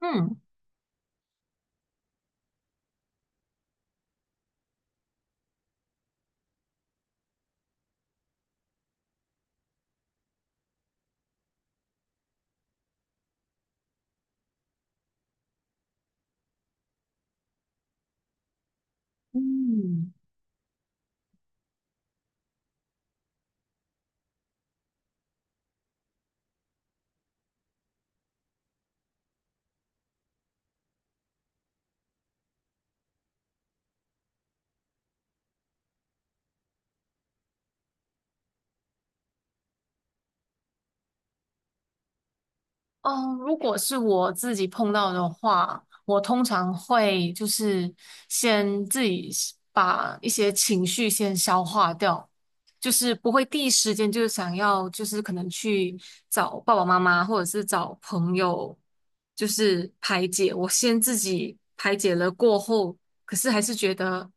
うん。うん。嗯，如果是我自己碰到的话，我通常会就是先自己是把一些情绪先消化掉，就是不会第一时间就是想要就是可能去找爸爸妈妈或者是找朋友，就是排解。我先自己排解了过后，可是还是觉得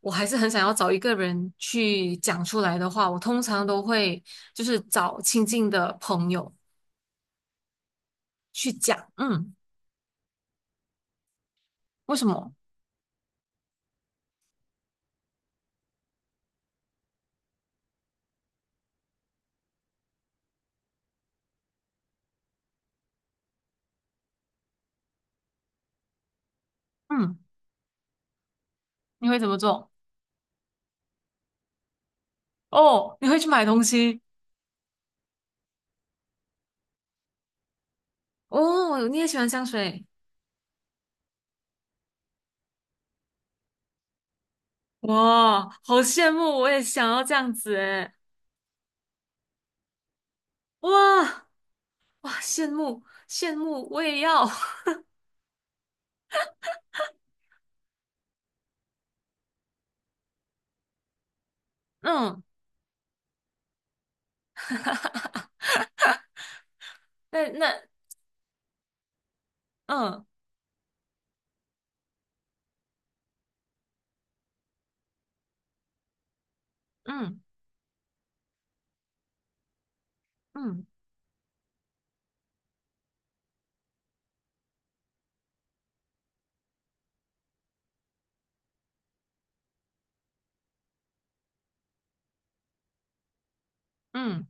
我还是很想要找一个人去讲出来的话，我通常都会就是找亲近的朋友去讲，嗯。为什么？嗯，你会怎么做？哦，你会去买东西。哦，你也喜欢香水。哇，好羡慕，我也想要这样子诶。哇，哇，羡慕，羡慕，我也要。嗯，那嗯嗯嗯嗯，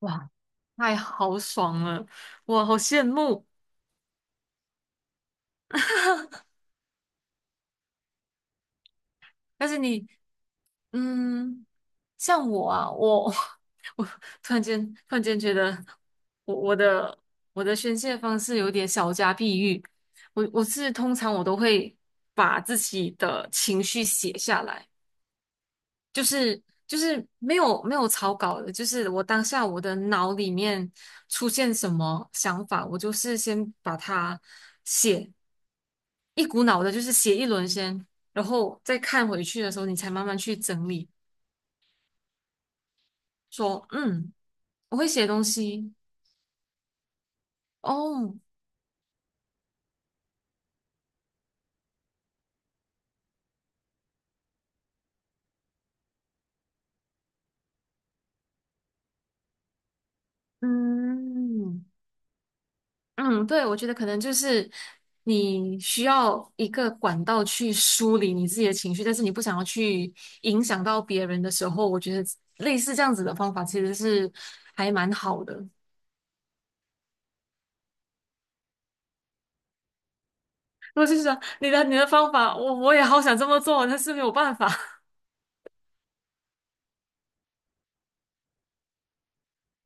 哇，太豪爽了，哇，好羡慕。但是你，嗯。像我啊，我 我突然间觉得我我的我的宣泄方式有点小家碧玉。我是通常我都会把自己的情绪写下来，就是就是没有草稿的，就是我当下我的脑里面出现什么想法，我就是先把它写一股脑的，就是写一轮先，然后再看回去的时候，你才慢慢去整理，说嗯。我会写东西，哦，嗯嗯，对，我觉得可能就是你需要一个管道去梳理你自己的情绪，但是你不想要去影响到别人的时候，我觉得类似这样子的方法其实是还蛮好的。我就想你的方法，我也好想这么做，但是没有办法。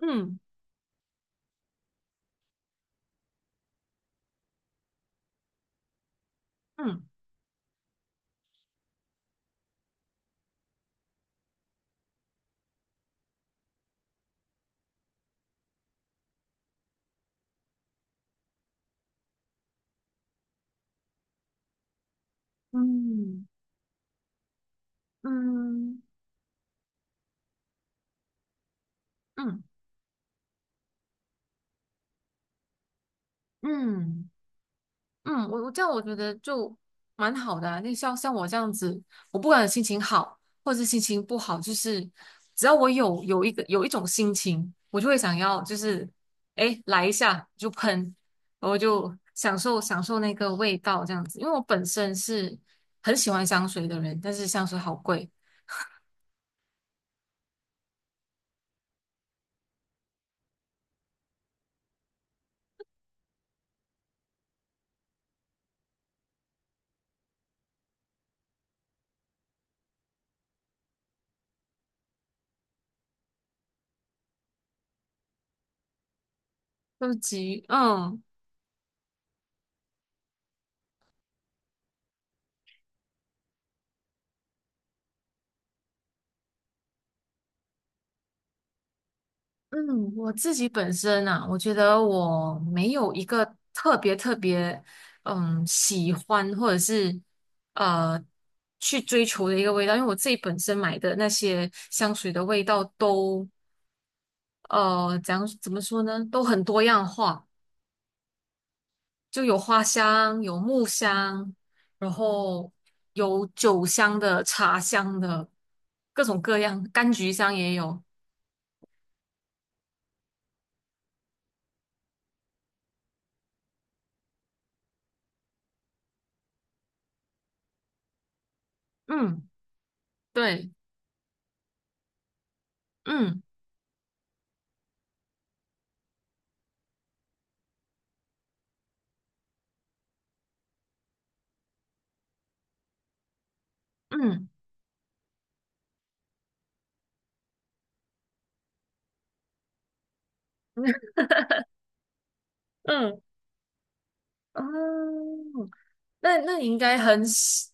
嗯嗯嗯嗯嗯。嗯嗯，我这样我觉得就蛮好的啊。那像我这样子，我不管心情好或者是心情不好，就是只要我有一种心情，我就会想要就是哎来一下就喷，然后就享受享受那个味道这样子。因为我本身是很喜欢香水的人，但是香水好贵，都是急，嗯，嗯，我自己本身啊，我觉得我没有一个特别特别，嗯，喜欢或者是呃去追求的一个味道，因为我自己本身买的那些香水的味道都怎么说呢，都很多样化，就有花香，有木香，然后有酒香的、茶香的，各种各样，柑橘香也有。嗯，对，嗯嗯。嗯哦，那你应该很喜，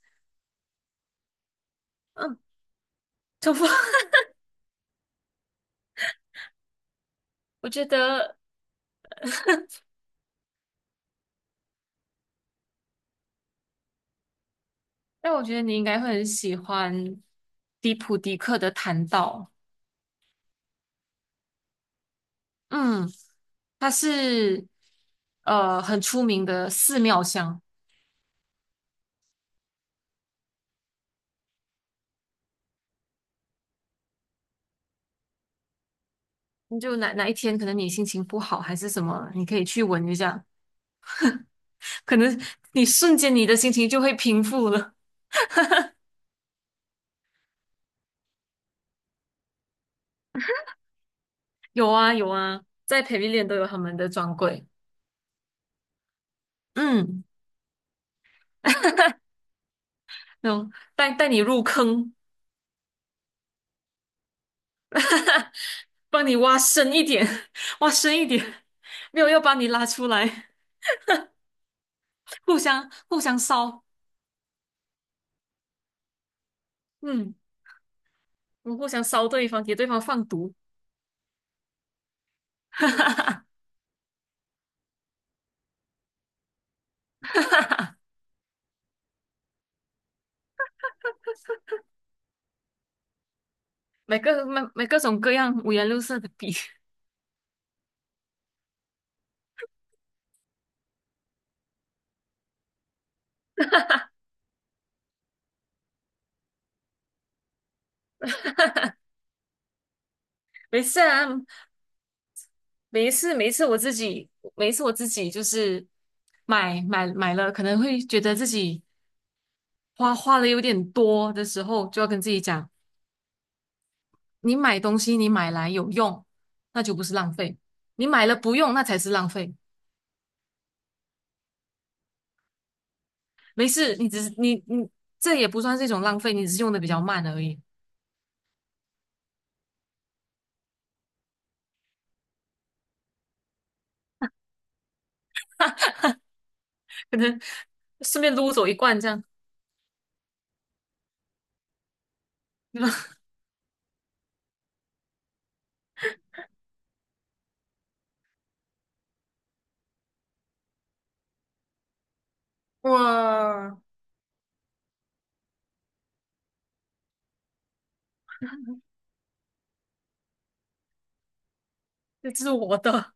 嗯，头发，我觉得，但我觉得你应该会很喜欢迪普迪克的弹道，嗯，它是很出名的寺庙香，你就哪一天可能你心情不好还是什么，你可以去闻一下，可能你瞬间你的心情就会平复了。有啊有啊，在 PAV 都有他们的专柜，嗯，那种带带你入坑。帮你挖深一点，挖深一点，没有要把你拉出来，互相互相烧，嗯，我们互相烧对方，给对方放毒，哈哈哈，买各种各样五颜六色的笔，没事啊，没事一次我自己每一次我自己就是买买买了，可能会觉得自己花的有点多的时候，就要跟自己讲，你买东西你买来有用，那就不是浪费，你买了不用，那才是浪费。没事，你只是你这也不算是一种浪费，你只是用的比较慢而已，可能顺便撸走一罐这样。哇，这是我的，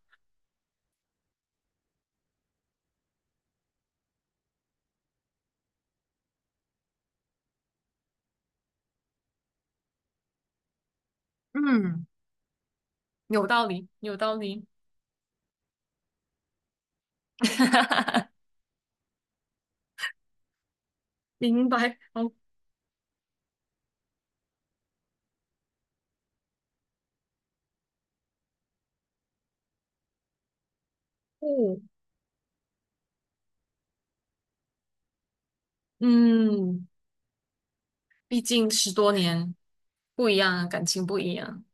嗯，有道理，有道理，明白，好酷，嗯，毕竟10多年不一样，啊，感情不一样，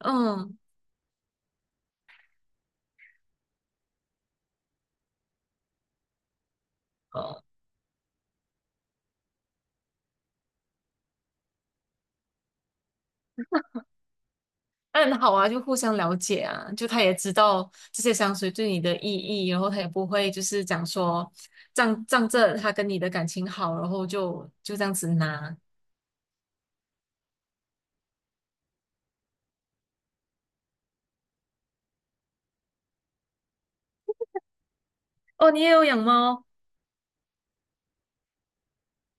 嗯。嗯，好啊，就互相了解啊，就他也知道这些香水对你的意义，然后他也不会就是讲说仗着他跟你的感情好，然后就这样子拿。哦，你也有养猫？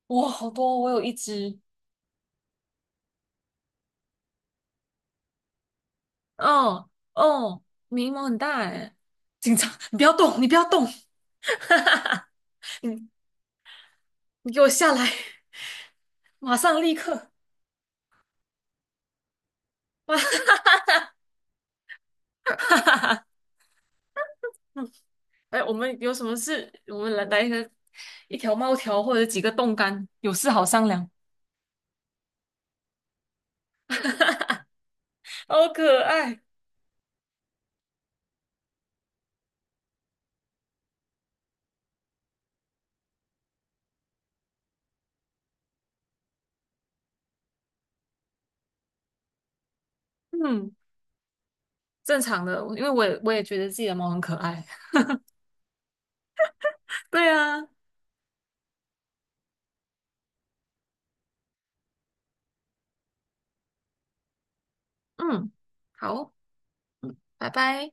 哇，好多，我有一只。哦哦，眉毛很大哎，紧张，你不要动，你不要动，哈哈哈，你你给我下来，马上立刻，马上，哈哈哈哎，我们有什么事，我们来来一个一条猫条或者几个冻干，有事好商量。好可爱。嗯，正常的，因为我也觉得自己的猫很可爱。对啊，嗯，好，拜拜。